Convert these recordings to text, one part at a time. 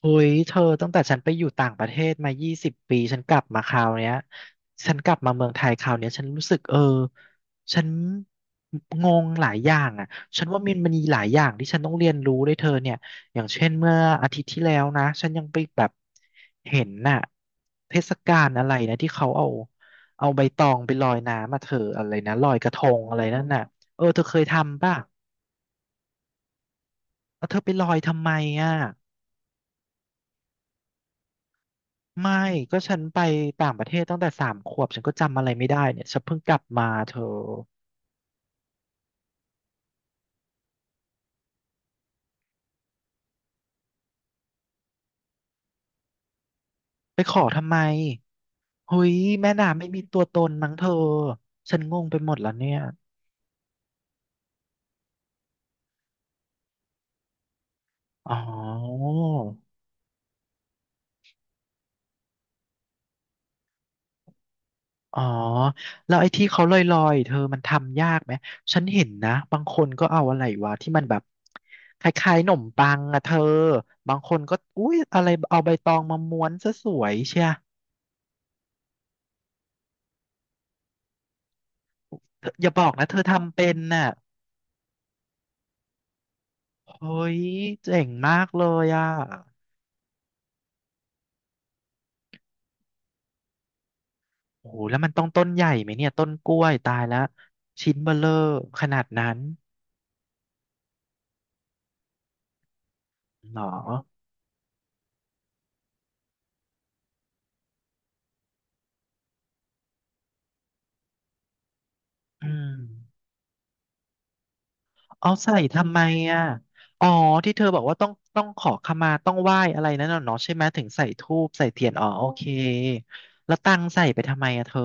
เฮ้ยเธอตั้งแต่ฉันไปอยู่ต่างประเทศมา20 ปีฉันกลับมาคราวเนี้ยฉันกลับมาเมืองไทยคราวเนี้ยฉันรู้สึกเออฉันงงหลายอย่างอ่ะฉันว่ามันมีหลายอย่างที่ฉันต้องเรียนรู้ด้วยเธอเนี่ยอย่างเช่นเมื่ออาทิตย์ที่แล้วนะฉันยังไปแบบเห็นน่ะเทศกาลอะไรนะที่เขาเอาใบตองไปลอยน้ำมาเธออะไรนะลอยกระทงอะไรนั่นน่ะเออเธอเคยทำป่ะแล้วเธอไปลอยทำไมอ่ะ ไม่ก็ฉันไปต่างประเทศตั้งแต่3 ขวบฉันก็จำอะไรไม่ได้เนี่ยฉันเพิ่งกลับมาเธอไปขอทำไมเฮ้ยแม่น้ำไม่มีตัวตนมั้งเธอฉันงงไปหมดแล้วเนี่ยอ๋ออ๋อแล้วไอ้ที่เขาลอยๆเธอมันทำยากไหมฉันเห็นนะบางคนก็เอาอะไรวะที่มันแบบคล้ายๆหนมปังอะเธอบางคนก็อุ้ยอะไรเอาใบตองมาม้วนซะสวยเชียเธออย่าบอกนะเธอทำเป็นน่ะ เฮ้ยเจ๋งมากเลยอ่ะโอ้โหแล้วมันต้องต้นใหญ่ไหมเนี่ยต้นกล้วยตายแล้วชิ้นเบ้อเร่อขนาดนั้นเหรออืมเอาใส่ทำไมอ่ะอ๋อที่เธอบอกว่าต้องขอขมาต้องไหว้อะไรนั่นน่ะเนาะใช่ไหมถึงใส่ธูปใส่เทียนอ๋อโอเคแล้วตังใส่ไปทำไมอ่ะเธอ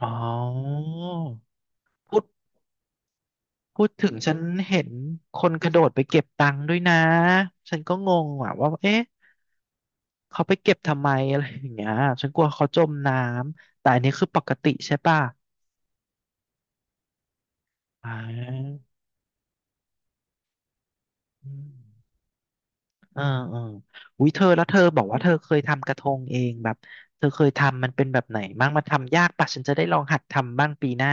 อ๋อพูดพูดถึงฉันเห็นคนกระโดดไปเก็บตังค์ด้วยนะฉันก็งงว่ะว่าเอ๊ะ เขาไปเก็บทำไมอะไรอย่างเงี้ยฉันกลัวเขาจมน้ำแต่อันนี้คือปกติใช่ป่ะอ่าอืมเออเอออุ้ยเธอแล้วเธอบอกว่าเธอเคยทำกระทงเองแบบเธอเคยทำมันเป็นแบบไหนบ้างมันทำยากป่ะฉันจะได้ลองหัดทำบ้างปีหน้า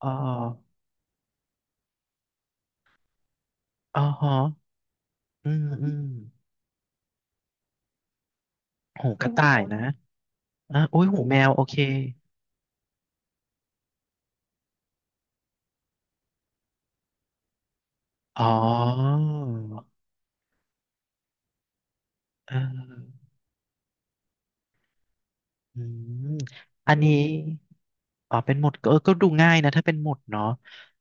อ๋ออ๋อฮะอืมอืมหูกระต่ายนะอ่ะอุ้ยหูแมวโอเคอ๋อเออ อืมอันนี้ อ๋อเป็นหมุดก็เออก็ดูง่ายนะถ้าเป็นหมุดเนาะ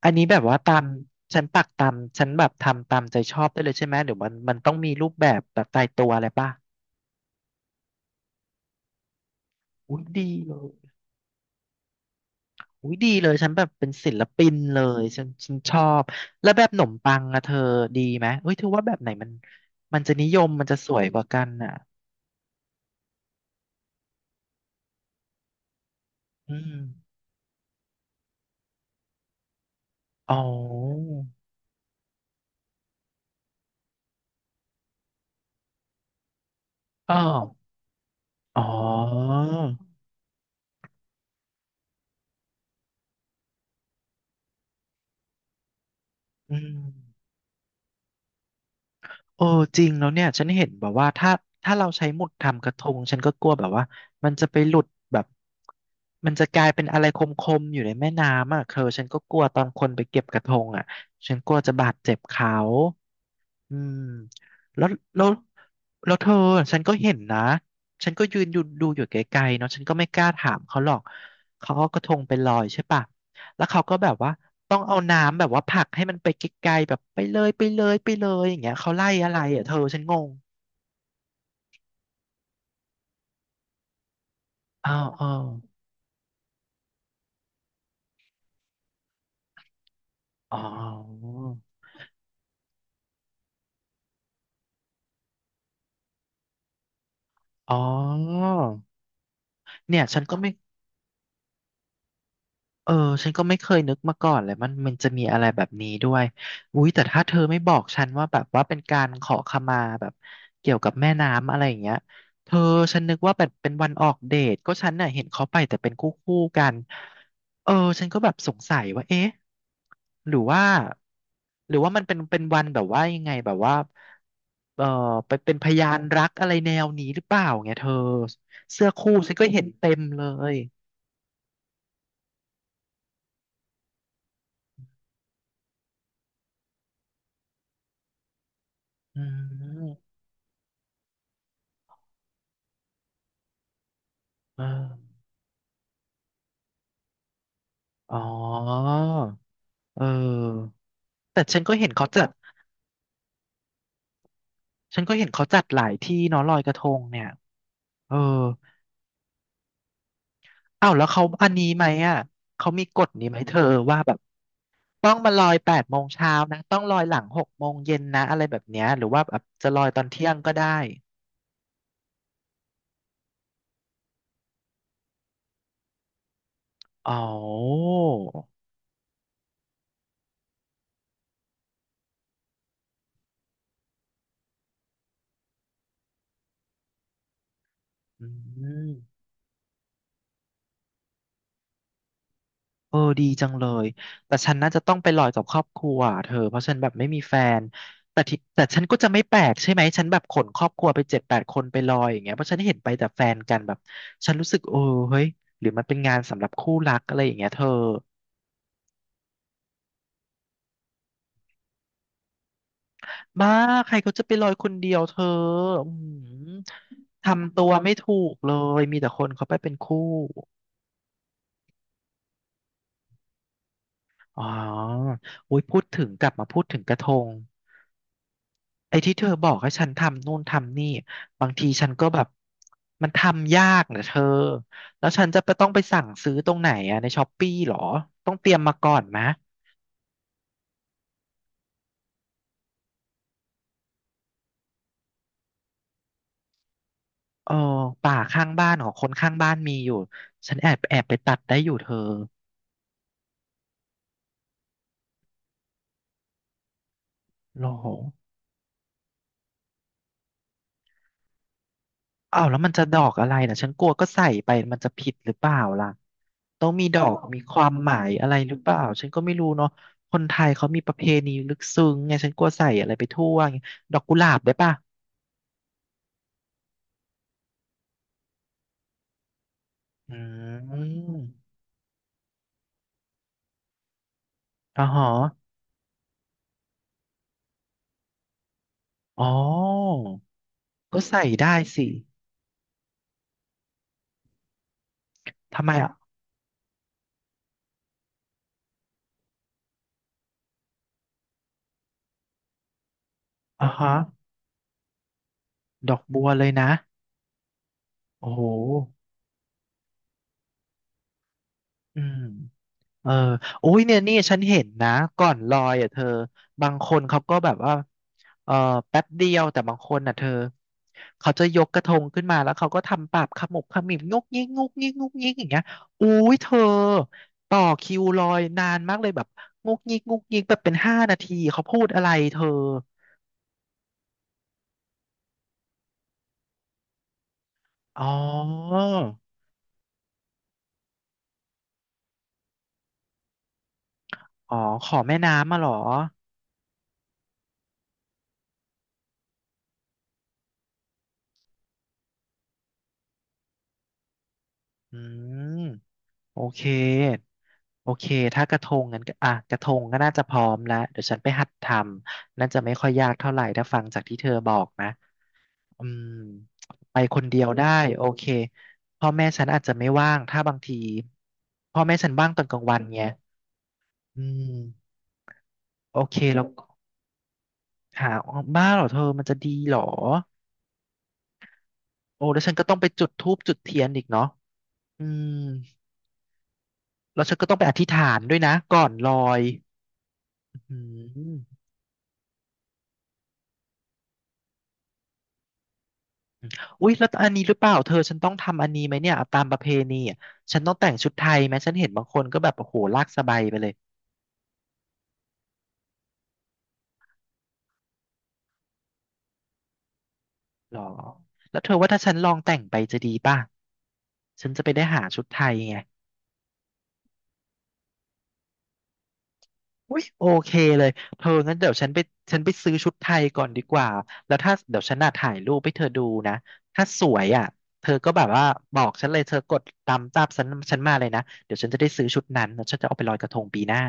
อันนี้แบบว่าตามฉันปักตามฉันแบบทำตามใจชอบได้เลยใช่ไหมเดี๋ยวมันมันต้องมีรูปแบบแบบตายตัวอะไรป่ะ อุ้ยดีเลยอุ้ยดีเลยฉันแบบเป็นศิลปินเลยฉันชอบแล้วแบบขนมปังอะเธอดีไหมเอ้ยเธอว่าแบบไหนมันมันจะนิยมมันจะสวยกว่ากันอ่ะอืมอ๋อ อ๋ออ๋ออืม เออจริงแล้วเนี่ยฉันเห็นแบบว่าถ้าเราใช้หมุดทำกระทงฉันก็กลัวแบบว่ามันจะไปหลุดแบบมันจะกลายเป็นอะไรคมๆอยู่ในแม่น้ำอ่ะเธอฉันก็กลัวตอนคนไปเก็บกระทงอ่ะฉันกลัวจะบาดเจ็บเขา อืมแล้วแล้วแล้วเธอฉันก็เห็นนะฉันก็ยืนอยู่ดูอยู่ไกลๆเนาะฉันก็ไม่กล้าถามเขาหรอกเขาเอากระทงไปลอยใช่ปะแล้วเขาก็แบบว่าต้องเอาน้ำแบบว่าผลักให้มันไปไกลๆแบบไปเลยไปเลยไปเลยอย่างเงี้ยเขาไล่อะไรอ่ะเธอฉันงงอ้าวอ้าวอ๋ออ๋อเนี่ยฉันก็ไม่ เออฉันก็ไม่เคยนึกมาก่อนเลยมันมันจะมีอะไรแบบนี้ด้วยอุ้ยแต่ถ้าเธอไม่บอกฉันว่าแบบว่าเป็นการขอขมาแบบเกี่ยวกับแม่น้ำอะไรอย่างเงี้ยเธอฉันนึกว่าแบบเป็นวันออกเดทก็ฉันน่ะเห็นเขาไปแต่เป็นคู่คู่กันเออฉันก็แบบสงสัยว่าเอ๊ะหรือว่าหรือว่ามันเป็นวันแบบว่ายังไงแบบว่าเออไปเป็นพยานรักอะไรแนวนี้หรือเปล่าไงเธอเสื้อคู่ฉันก็เห็นเต็มเลยอืมเออ อ๋อเออแต่ฉันก็เห็นเขาจัดฉันก็เห็นเขาจัดหลายที่เนาะลอยกระทงเนี่ยเอออ้าวแล้วเขาอันนี้ไหมอ่ะเขามีกฎนี้ไหมเธอว่าแบบต้องมาลอย8 โมงเช้านะต้องลอยหลัง6 โมงเย็นนะอะไรแบบเนี้ยหรือว่าแบบจะลอยตอนเที่ยงก็ได้อ๋ออืม เออดีจังเลยแต่ฉันน่าจะต้องไปลอยกับครอบครัวอะเธอเพราะฉันแบบไม่มีแฟนแต่ที่แต่ฉันก็จะไม่แปลกใช่ไหมฉันแบบขนครอบครัวไป7-8 คนไปลอยอย่างเงี้ยเพราะฉันเห็นไปแต่แฟนกันแบบฉันรู้สึกเออเฮ้ยหรือมันเป็นงานสำหรับคู่รักอะไรอย่างเงี้ยเธอบ้าใครเขาจะไปลอยคนเดียวเธออืมทำตัวไม่ถูกเลยมีแต่คนเขาไปเป็นคู่อ๋ออุ้ยพูดถึงกลับมาพูดถึงกระทง ไอ้ที่เธอบอกให้ฉันทำนู่นทำนี่บางทีฉันก็แบบมันทำยากเนะเธอแล้วฉันจะไปต้องไปสั่งซื้อตรงไหนอะในช้อปปี้หรอต้องเตรียมมาก่อนไหมะเออป่าข้างบ้านของคนข้างบ้านมีอยู่ฉันแอบไปตัดได้อยู่เธอโลโหอ้าวแล้วมันจะดอกอะไรนะฉันกลัวก็ใส่ไปมันจะผิดหรือเปล่าล่ะต้องมีดอกมีความหมายอะไรหรือเปล่าฉันก็ไม่รู้เนาะคนไทยเขามีประเพณีลึกซึ้งไงฉันกลัวใส่อะไรไปทั่วไงดอกกุหลาบได้ปะ อืมอ่ฮะอ๋อก็ใส่ได้สิ ทำไมอ่ะอ่าฮะดอกบัวเลยนะโอ้โหอืมเออโอ้ยเนี่ยนี่ฉันเห็นนะก่อนลอยอ่ะเธอบางคนเขาก็แบบว่าเออแป๊บเดียวแต่บางคนอ่ะเธอเขาจะยกกระทงขึ้นมาแล้วเขาก็ทำปากขมุบขมิบงกงิกงกงิกงกงิกอย่างเงี้ยอุ้ยเธอต่อคิวลอยนานมากเลยแบบงกงิกงกงิกแบบเป็น5 นาทีเขาพูดอะไรเธอ อ๋ออ๋อขอแม่น้ำมาเหรออืมโอเคโอเคถ้ากระทงงั้นก็อ่ะกระทงก็น่าจะพร้อมแล้วเดี๋ยวฉันไปหัดทำน่าจะไม่ค่อยยากเท่าไหร่ถ้าฟังจากที่เธอบอกนะอืมไปคนเดียวได้โอเคพ่อแม่ฉันอาจจะไม่ว่างถ้าบางทีพ่อแม่ฉันว่างตอนกลางวันไงอืมโอเคแล้วหาบ้าเหรอเธอมันจะดีเหรอโอ้แล้วฉันก็ต้องไปจุดธูปจุดเทียนอีกเนาะอืม แล้วฉันก็ต้องไปอธิษฐานด้วยนะก่อนลอยอืมอุ๊ยแล้วอันนี้หรือเปล่าเธอฉันต้องทำอันนี้ไหมเนี่ยตามประเพณีอ่ะฉันต้องแต่งชุดไทยไหมฉันเห็นบางคนก็แบบโอ้โหลากสบายไปเลยหรอแล้วเธอว่าถ้าฉันลองแต่งไปจะดีป่ะฉันจะไปได้หาชุดไทยไง อุ้ยโอเคเลยเธองั้นเดี๋ยวฉันไปฉันไปซื้อชุดไทยก่อนดีกว่าแล้วถ้าเดี๋ยวฉันน่ะถ่ายรูปให้เธอดูนะถ้าสวยอ่ะเธอก็แบบว่าบอกฉันเลยเธอกดตามฉันฉันมาเลยนะเดี๋ยวฉันจะได้ซื้อชุดนั้นแล้วฉันจะเอาไปลอยกระทงปีหน้า